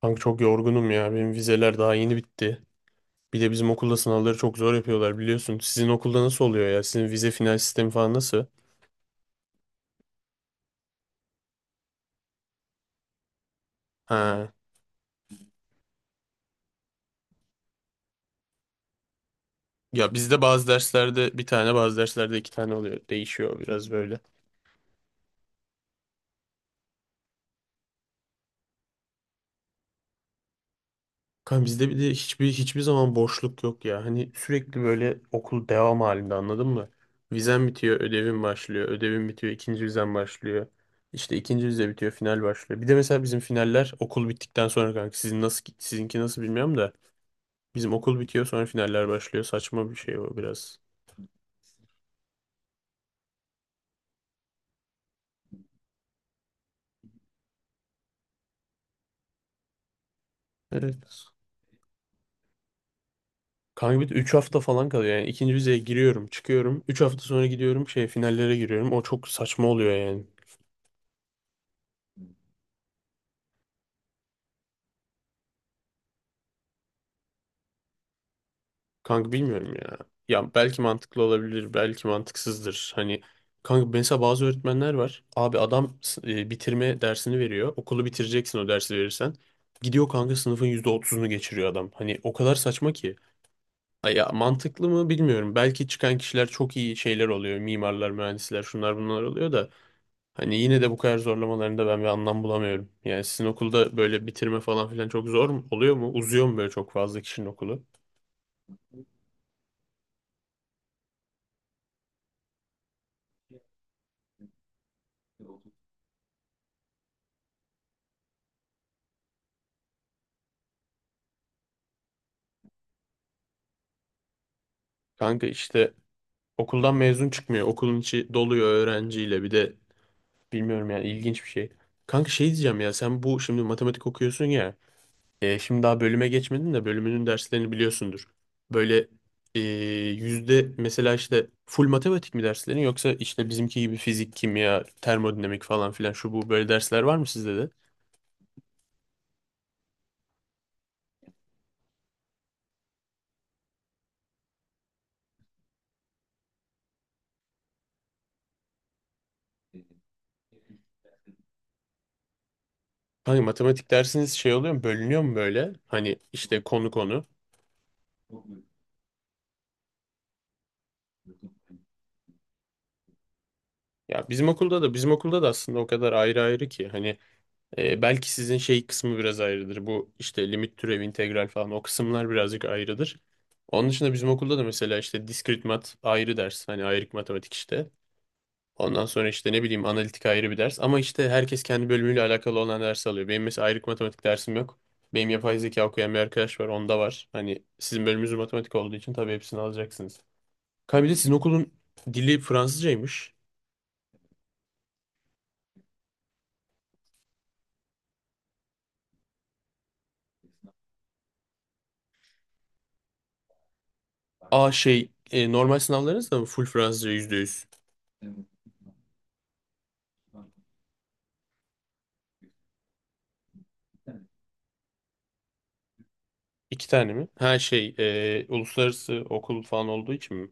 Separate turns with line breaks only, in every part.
Kanka çok yorgunum ya. Benim vizeler daha yeni bitti. Bir de bizim okulda sınavları çok zor yapıyorlar biliyorsun. Sizin okulda nasıl oluyor ya? Sizin vize final sistemi falan nasıl? Ha. Ya bizde bazı derslerde bir tane, bazı derslerde iki tane oluyor. Değişiyor biraz böyle. Kanka bizde bir de hiçbir zaman boşluk yok ya. Hani sürekli böyle okul devam halinde anladın mı? Vizen bitiyor, ödevin başlıyor. Ödevin bitiyor, ikinci vizen başlıyor. İşte ikinci vize bitiyor, final başlıyor. Bir de mesela bizim finaller okul bittikten sonra kanka. Sizinki nasıl bilmiyorum da. Bizim okul bitiyor sonra finaller başlıyor. Saçma bir şey o biraz. Evet. Kanka bir de 3 hafta falan kalıyor yani. İkinci vizeye giriyorum, çıkıyorum. 3 hafta sonra gidiyorum şey finallere giriyorum. O çok saçma oluyor yani. Kanka bilmiyorum ya. Ya belki mantıklı olabilir, belki mantıksızdır. Hani kanka mesela bazı öğretmenler var. Abi adam bitirme dersini veriyor. Okulu bitireceksin o dersi verirsen. Gidiyor kanka sınıfın %30'unu geçiriyor adam. Hani o kadar saçma ki. Ay ya mantıklı mı bilmiyorum. Belki çıkan kişiler çok iyi şeyler oluyor. Mimarlar, mühendisler, şunlar bunlar oluyor da hani yine de bu kadar zorlamalarında ben bir anlam bulamıyorum. Yani sizin okulda böyle bitirme falan filan çok zor mu? Oluyor mu? Uzuyor mu böyle çok fazla kişinin okulu? Kanka işte okuldan mezun çıkmıyor. Okulun içi doluyor öğrenciyle. Bir de bilmiyorum yani ilginç bir şey. Kanka şey diyeceğim ya sen bu şimdi matematik okuyorsun ya. Şimdi daha bölüme geçmedin de bölümünün derslerini biliyorsundur. Böyle e, yüzde mesela işte full matematik mi derslerin yoksa işte bizimki gibi fizik, kimya, termodinamik falan filan şu bu böyle dersler var mı sizde de? Hani matematik dersiniz şey oluyor mu bölünüyor mu böyle? Hani işte konu konu. Ya bizim okulda da aslında o kadar ayrı ayrı ki hani. Belki sizin şey kısmı biraz ayrıdır. Bu işte limit türev, integral falan o kısımlar birazcık ayrıdır. Onun dışında bizim okulda da mesela işte diskrit mat ayrı ders. Hani ayrık matematik işte. Ondan sonra işte ne bileyim analitik ayrı bir ders. Ama işte herkes kendi bölümüyle alakalı olan ders alıyor. Benim mesela ayrık matematik dersim yok. Benim yapay zeka okuyan bir arkadaş var. Onda var. Hani sizin bölümünüz matematik olduğu için tabii hepsini alacaksınız. Kanka bir de sizin okulun dili Fransızcaymış. Aa, normal sınavlarınız da mı full Fransızca %100? İki tane mi? Ha, uluslararası okul falan olduğu için mi?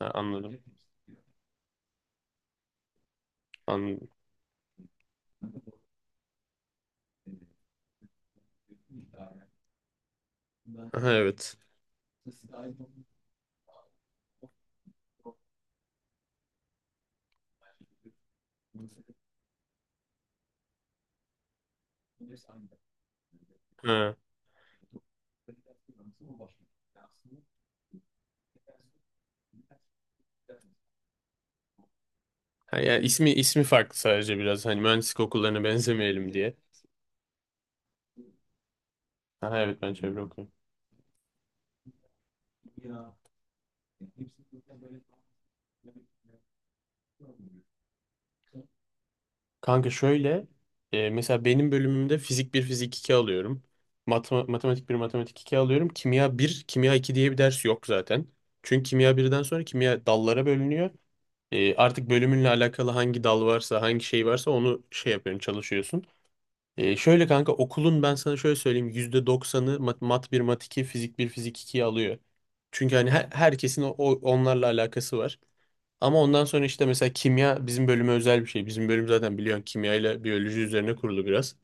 Ha, anladım. Anladım. Ha, evet. Ha. Ha, yani ismi farklı sadece biraz hani mühendislik okullarına benzemeyelim diye. Ha, evet, ben çevre okuyorum. Kanka şöyle, mesela benim bölümümde fizik bir fizik 2 alıyorum. Matematik bir matematik 2 alıyorum. Kimya bir kimya 2 diye bir ders yok zaten. Çünkü kimya birden sonra kimya dallara bölünüyor. Artık bölümünle alakalı hangi dal varsa hangi şey varsa onu şey yapıyorsun çalışıyorsun. Şöyle kanka okulun ben sana şöyle söyleyeyim %90'ı mat bir mat 2, fizik bir fizik 2'yi alıyor. Çünkü hani herkesin onlarla alakası var. Ama ondan sonra işte mesela kimya bizim bölüme özel bir şey. Bizim bölüm zaten biliyorsun kimya ile biyoloji üzerine kurulu biraz.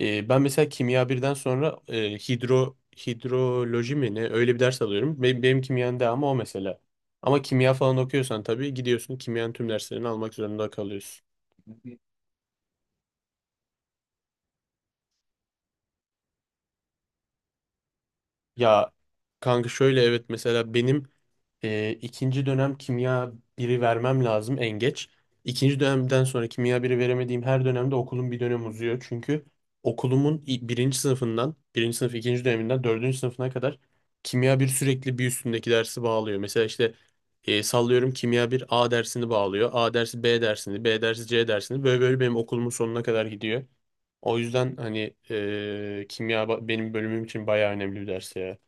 Ben mesela kimya birden sonra hidroloji mi ne öyle bir ders alıyorum. Benim kimyanın devamı o mesela. Ama kimya falan okuyorsan tabii gidiyorsun kimyanın tüm derslerini almak zorunda kalıyorsun. Ya kanka şöyle evet mesela benim ikinci dönem kimya biri vermem lazım en geç. İkinci dönemden sonra kimya biri veremediğim her dönemde okulum bir dönem uzuyor. Çünkü okulumun birinci sınıf ikinci döneminden dördüncü sınıfına kadar kimya bir sürekli bir üstündeki dersi bağlıyor. Mesela işte sallıyorum kimya bir A dersini bağlıyor. A dersi B dersini, B dersi C dersini. Böyle böyle benim okulumun sonuna kadar gidiyor. O yüzden hani kimya benim bölümüm için bayağı önemli bir ders ya.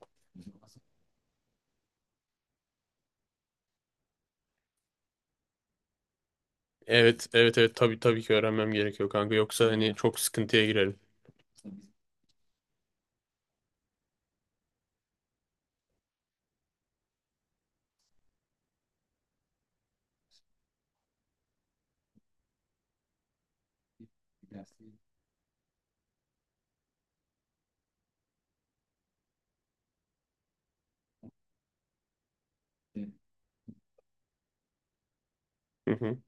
Evet, evet, evet. Tabii tabii ki öğrenmem gerekiyor kanka. Yoksa hani çok sıkıntıya girerim. Hı hı.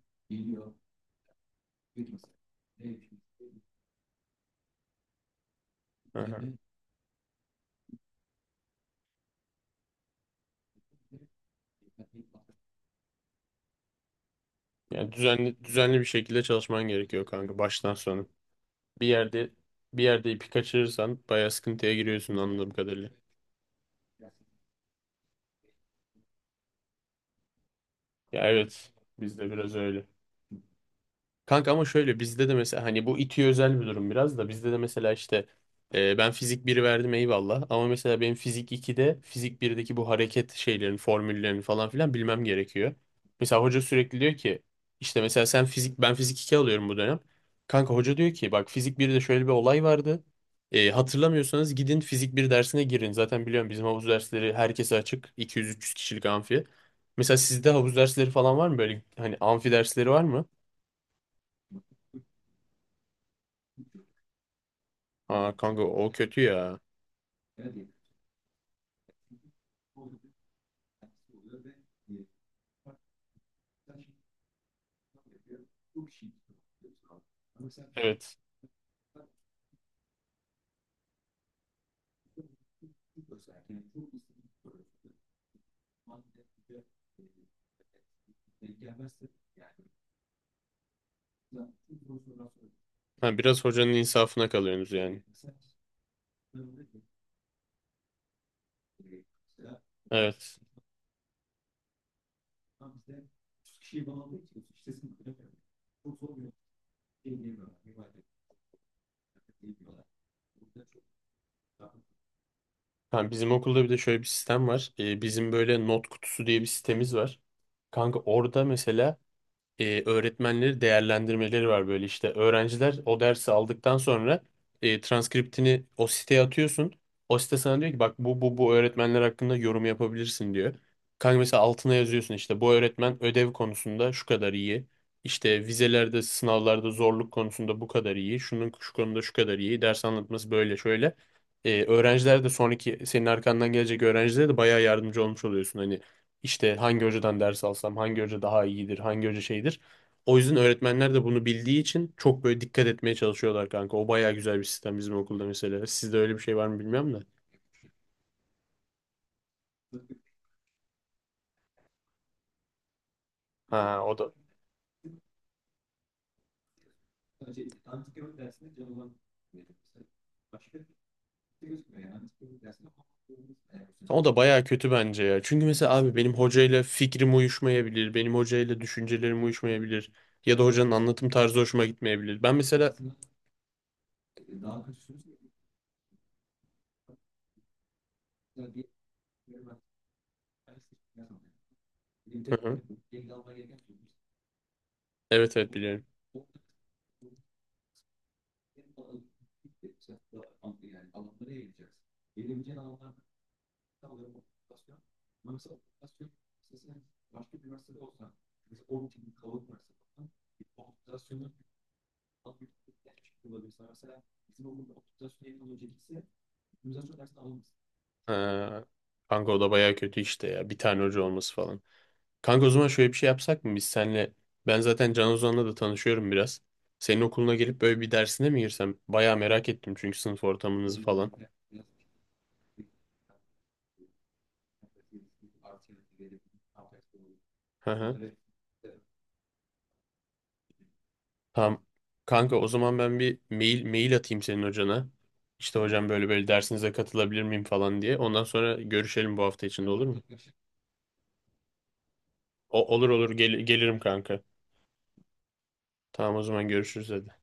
Aha. Yani düzenli düzenli bir şekilde çalışman gerekiyor kanka baştan sona. Bir yerde bir yerde ipi kaçırırsan bayağı sıkıntıya giriyorsun anladığım kadarıyla. Ya, evet, bizde biraz öyle. Kanka ama şöyle bizde de mesela hani bu İTÜ özel bir durum biraz da bizde de mesela işte ben fizik biri verdim eyvallah ama mesela benim fizik 2'de fizik 1'deki bu hareket şeylerin formüllerini falan filan bilmem gerekiyor. Mesela hoca sürekli diyor ki işte mesela sen fizik ben fizik 2 alıyorum bu dönem. Kanka hoca diyor ki bak fizik birde şöyle bir olay vardı. Hatırlamıyorsanız gidin fizik bir dersine girin. Zaten biliyorum bizim havuz dersleri herkese açık 200 300 kişilik amfi. Mesela sizde havuz dersleri falan var mı böyle hani amfi dersleri var mı? Aa kanka o kötü ya. Evet. Ha, biraz hocanın insafına kalıyorsunuz yani. Evet. Ha, bizim okulda bir de şöyle bir sistem var. Bizim böyle not kutusu diye bir sitemiz var. Kanka orada mesela öğretmenleri değerlendirmeleri var böyle işte öğrenciler o dersi aldıktan sonra transkriptini o siteye atıyorsun. O site sana diyor ki bak bu öğretmenler hakkında yorum yapabilirsin diyor. Kanka mesela altına yazıyorsun işte bu öğretmen ödev konusunda şu kadar iyi. İşte vizelerde, sınavlarda zorluk konusunda bu kadar iyi. Şunun şu konuda şu kadar iyi. Ders anlatması böyle şöyle. Öğrenciler de sonraki senin arkandan gelecek öğrencilere de bayağı yardımcı olmuş oluyorsun. Hani işte hangi hocadan ders alsam, hangi hoca daha iyidir, hangi hoca şeydir. O yüzden öğretmenler de bunu bildiği için çok böyle dikkat etmeye çalışıyorlar kanka. O bayağı güzel bir sistem bizim okulda mesela. Sizde öyle bir şey var mı bilmiyorum da. Ha, o da. O da bayağı kötü bence ya. Çünkü mesela abi benim hocayla fikrim uyuşmayabilir. Benim hocayla düşüncelerim uyuşmayabilir. Ya da hocanın anlatım tarzı hoşuma gitmeyebilir. Ben mesela... Hı hı. Evet, evet, biliyorum. Ha, kanka o da baya kötü işte ya. Bir tane hoca olması falan. Kanka o zaman şöyle bir şey yapsak mı? Biz senle ben zaten Can Ozan'la da tanışıyorum biraz. Senin okuluna gelip böyle bir dersine mi girsem? Baya merak ettim çünkü sınıf ortamınızı falan. Hı hı. Tamam. Kanka o zaman ben bir mail atayım senin hocana. İşte hocam böyle böyle dersinize katılabilir miyim falan diye. Ondan sonra görüşelim bu hafta içinde olur mu? Olur, olur. Gelirim kanka. Tamam o zaman görüşürüz hadi.